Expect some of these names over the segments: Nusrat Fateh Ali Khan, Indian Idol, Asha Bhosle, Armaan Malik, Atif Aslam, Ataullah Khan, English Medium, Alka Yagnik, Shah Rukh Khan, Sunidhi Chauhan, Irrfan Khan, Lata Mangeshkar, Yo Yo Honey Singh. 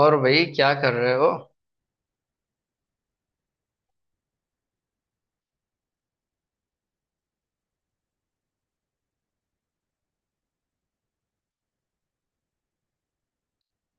और भाई क्या कर रहे हो?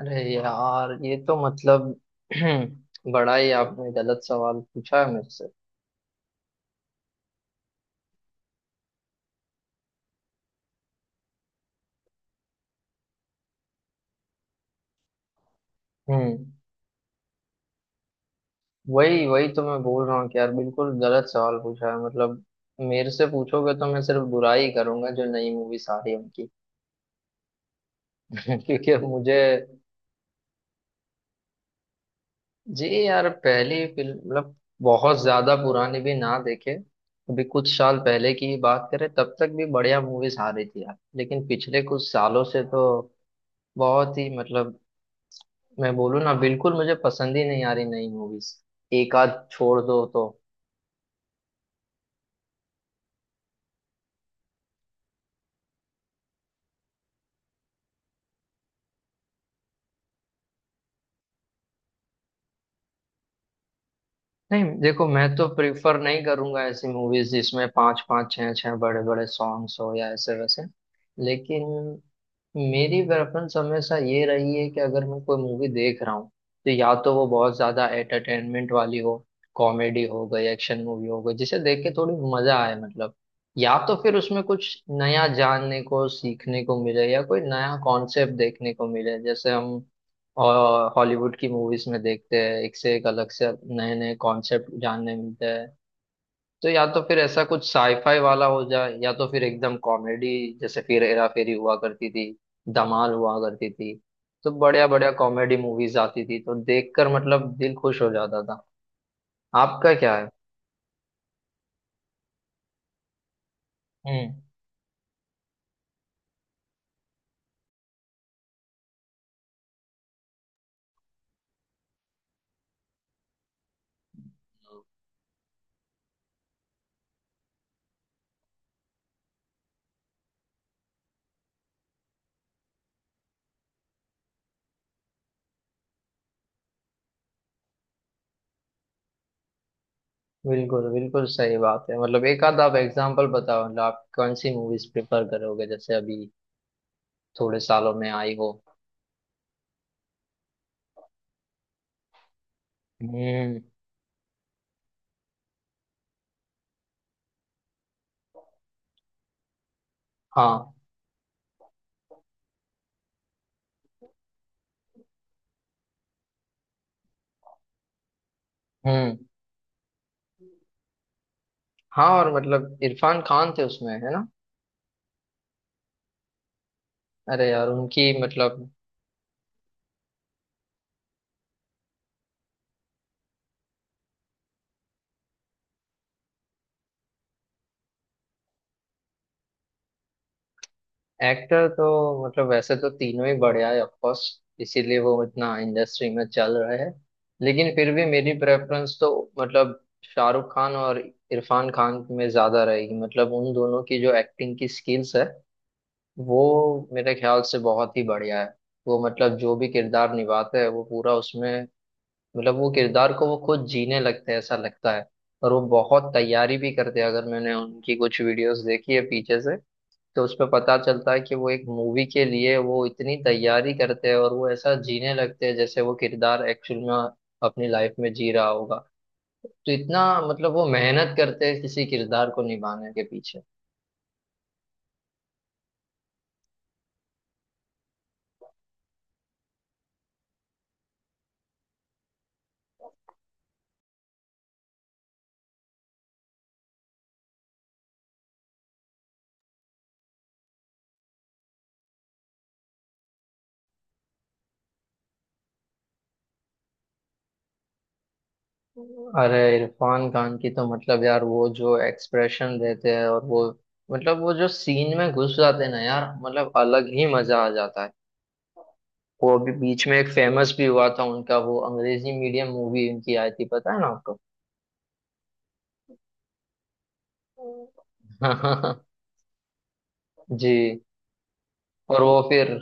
अरे यार, ये तो मतलब बड़ा ही आपने गलत सवाल पूछा है मुझसे। हम्म वही वही तो मैं बोल रहा हूँ कि यार बिल्कुल गलत सवाल पूछा है मतलब मेरे से पूछोगे तो मैं सिर्फ बुराई करूंगा जो नई मूवीज आ रही है उनकी। क्योंकि अब मुझे। जी यार, पहली फिल्म मतलब बहुत ज्यादा पुरानी भी ना देखे। अभी कुछ साल पहले की ही बात करें तब तक भी बढ़िया मूवीज आ रही थी यार, लेकिन पिछले कुछ सालों से तो बहुत ही मतलब मैं बोलूँ ना बिल्कुल मुझे पसंद ही नहीं आ रही नई मूवीज, एक आध छोड़ दो तो। नहीं, देखो, मैं तो प्रिफर नहीं करूंगा ऐसी मूवीज जिसमें पांच पांच छह छह बड़े बड़े सॉन्ग्स हो या ऐसे वैसे, लेकिन मेरी प्रेफरेंस हमेशा ये रही है कि अगर मैं कोई मूवी देख रहा हूँ तो या तो वो बहुत ज्यादा एंटरटेनमेंट वाली हो, कॉमेडी हो गई, एक्शन मूवी हो गई, जिसे देख के थोड़ी मजा आए मतलब, या तो फिर उसमें कुछ नया जानने को सीखने को मिले या कोई नया कॉन्सेप्ट देखने को मिले, जैसे हम और हॉलीवुड की मूवीज में देखते हैं, एक से एक अलग से नए नए कॉन्सेप्ट जानने मिलते हैं। तो या तो फिर ऐसा कुछ साईफाई वाला हो जाए या तो फिर एकदम कॉमेडी, जैसे फिर हेरा फेरी हुआ करती थी, धमाल हुआ करती थी। तो बढ़िया बढ़िया कॉमेडी मूवीज आती थी तो देखकर मतलब दिल खुश हो जाता था। आपका क्या है? हम्म। बिल्कुल बिल्कुल सही बात है मतलब एक आध आप एग्जांपल बताओ, मतलब आप कौन सी मूवीज प्रिफर करोगे जैसे अभी थोड़े सालों में आई हो। हम्म। हाँ। हम्म। हाँ, और मतलब इरफान खान थे उसमें, है ना? अरे यार, उनकी मतलब एक्टर तो मतलब वैसे तो तीनों ही बढ़िया है, ऑफ कोर्स, इसीलिए वो इतना इंडस्ट्री में चल रहे हैं। लेकिन फिर भी मेरी प्रेफरेंस तो मतलब शाहरुख खान और इरफान खान में ज्यादा रहेगी, मतलब उन दोनों की जो एक्टिंग की स्किल्स है वो मेरे ख्याल से बहुत ही बढ़िया है। वो मतलब जो भी किरदार निभाते हैं वो पूरा उसमें मतलब वो किरदार को वो खुद जीने लगते हैं ऐसा लगता है। और वो बहुत तैयारी भी करते हैं, अगर मैंने उनकी कुछ वीडियोस देखी है पीछे से, तो उसमें पता चलता है कि वो एक मूवी के लिए वो इतनी तैयारी करते हैं और वो ऐसा जीने लगते हैं जैसे वो किरदार एक्चुअल में अपनी लाइफ में जी रहा होगा। तो इतना मतलब वो मेहनत करते हैं किसी किरदार को निभाने के पीछे। अरे, इरफान खान की तो मतलब यार, वो जो एक्सप्रेशन देते हैं और वो मतलब वो जो सीन में घुस जाते हैं ना यार, मतलब अलग ही मजा आ जाता है। वो अभी बीच में एक फेमस भी हुआ था उनका, वो अंग्रेजी मीडियम मूवी उनकी आई थी, पता है ना आपको? जी। और वो फिर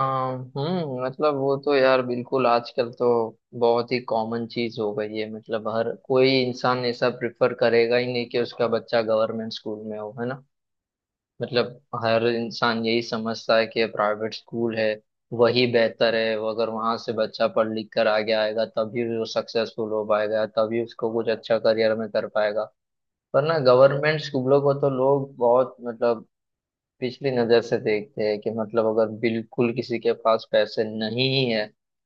मतलब वो तो यार बिल्कुल आजकल तो बहुत ही कॉमन चीज हो गई है, मतलब हर कोई इंसान ऐसा प्रिफर करेगा ही नहीं कि उसका बच्चा गवर्नमेंट स्कूल में हो, है ना? मतलब हर इंसान यही समझता है कि प्राइवेट स्कूल है वही बेहतर है, वो अगर वहां से बच्चा पढ़ लिख कर आगे आएगा तभी वो सक्सेसफुल हो पाएगा, तभी उसको कुछ अच्छा करियर में कर पाएगा, वरना गवर्नमेंट स्कूलों को तो लोग बहुत मतलब पिछली नजर से देखते हैं कि मतलब अगर बिल्कुल किसी के पास पैसे नहीं ही है,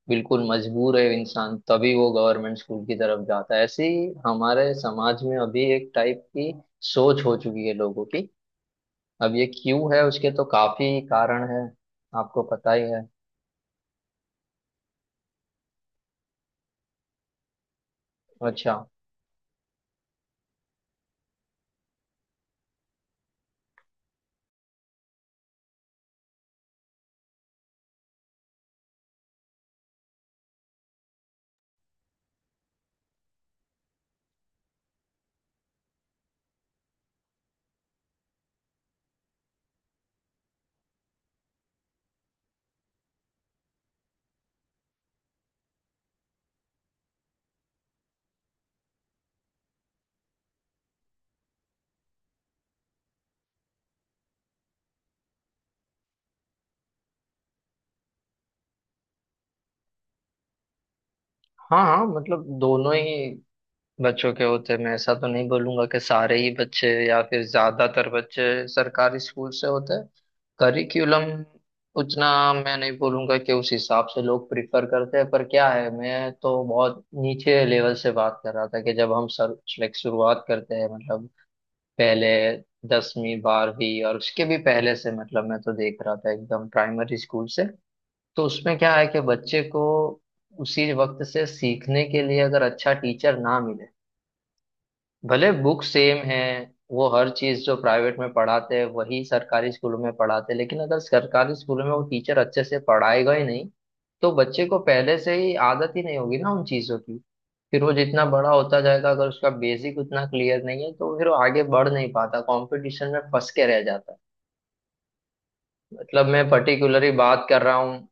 बिल्कुल मजबूर है इंसान तभी वो गवर्नमेंट स्कूल की तरफ जाता है। ऐसी हमारे समाज में अभी एक टाइप की सोच हो चुकी है लोगों की। अब ये क्यों है उसके तो काफी कारण है, आपको पता ही है। अच्छा। हाँ हाँ मतलब दोनों ही बच्चों के होते हैं, मैं ऐसा तो नहीं बोलूंगा कि सारे ही बच्चे या फिर ज्यादातर बच्चे सरकारी स्कूल से होते हैं। करिकुलम उतना मैं नहीं बोलूंगा कि उस हिसाब से लोग प्रिफर करते हैं, पर क्या है, मैं तो बहुत नीचे लेवल से बात कर रहा था कि जब हम सर लाइक शुरुआत करते हैं मतलब पहले 10वीं 12वीं और उसके भी पहले से, मतलब मैं तो देख रहा था एकदम प्राइमरी स्कूल से। तो उसमें क्या है कि बच्चे को उसी वक्त से सीखने के लिए अगर अच्छा टीचर ना मिले, भले बुक सेम है, वो हर चीज जो प्राइवेट में पढ़ाते हैं वही सरकारी स्कूलों में पढ़ाते हैं, लेकिन अगर सरकारी स्कूलों में वो टीचर अच्छे से पढ़ाएगा ही नहीं तो बच्चे को पहले से ही आदत ही नहीं होगी ना उन चीजों की। फिर वो जितना बड़ा होता जाएगा, अगर उसका बेसिक उतना क्लियर नहीं है, तो फिर वो आगे बढ़ नहीं पाता, कंपटीशन में फंस के रह जाता है। मतलब मैं पर्टिकुलरली बात कर रहा हूँ।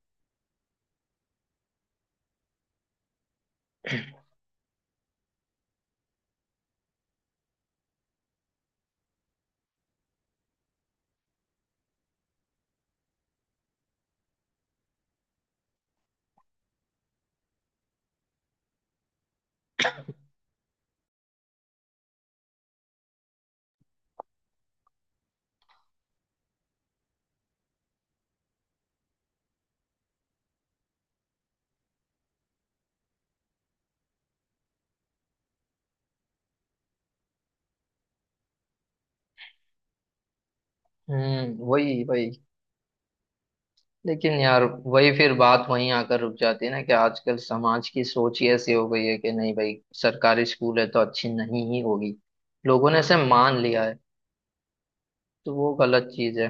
हम्म, वही वही। लेकिन यार, वही फिर बात वहीं आकर रुक जाती है ना कि आजकल समाज की सोच ही ऐसी हो गई है कि नहीं भाई, सरकारी स्कूल है तो अच्छी नहीं ही होगी, लोगों ने इसे मान लिया है, तो वो गलत चीज है।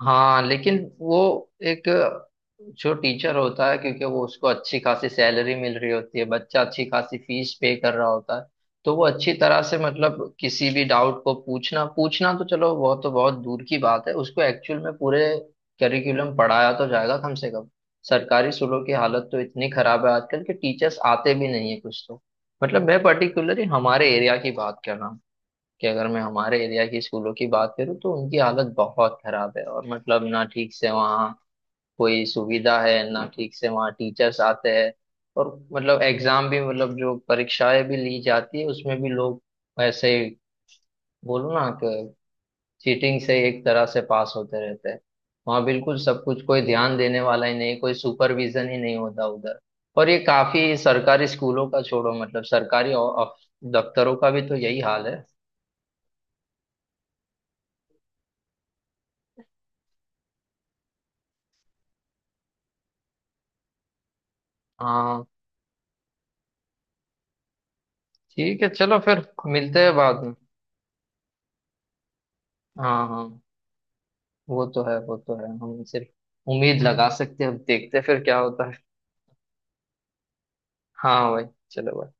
हाँ, लेकिन वो एक जो टीचर होता है, क्योंकि वो उसको अच्छी खासी सैलरी मिल रही होती है, बच्चा अच्छी खासी फीस पे कर रहा होता है, तो वो अच्छी तरह से मतलब किसी भी डाउट को पूछना पूछना तो चलो वो तो बहुत दूर की बात है, उसको एक्चुअल में पूरे करिकुलम पढ़ाया तो जाएगा कम से कम। सरकारी स्कूलों की हालत तो इतनी खराब है आजकल कि टीचर्स आते भी नहीं है कुछ तो। मतलब मैं पर्टिकुलरली हमारे एरिया की बात कर रहा हूँ कि अगर मैं हमारे एरिया की स्कूलों की बात करूँ तो उनकी हालत बहुत खराब है, और मतलब ना ठीक से वहाँ कोई सुविधा है, ना ठीक से वहाँ टीचर्स आते हैं। और मतलब एग्जाम भी मतलब जो परीक्षाएं भी ली जाती है उसमें भी लोग ऐसे ही बोलो ना कि चीटिंग से एक तरह से पास होते रहते हैं, वहाँ बिल्कुल सब कुछ कोई ध्यान देने वाला ही नहीं, कोई सुपरविजन ही नहीं होता उधर। और ये काफी सरकारी स्कूलों का छोड़ो, मतलब सरकारी दफ्तरों का भी तो यही हाल है। हाँ, ठीक है, चलो फिर मिलते हैं बाद में। हाँ हाँ, वो तो है, वो तो है, हम सिर्फ उम्मीद लगा सकते हैं, अब देखते हैं फिर क्या होता है। हाँ भाई, चलो भाई।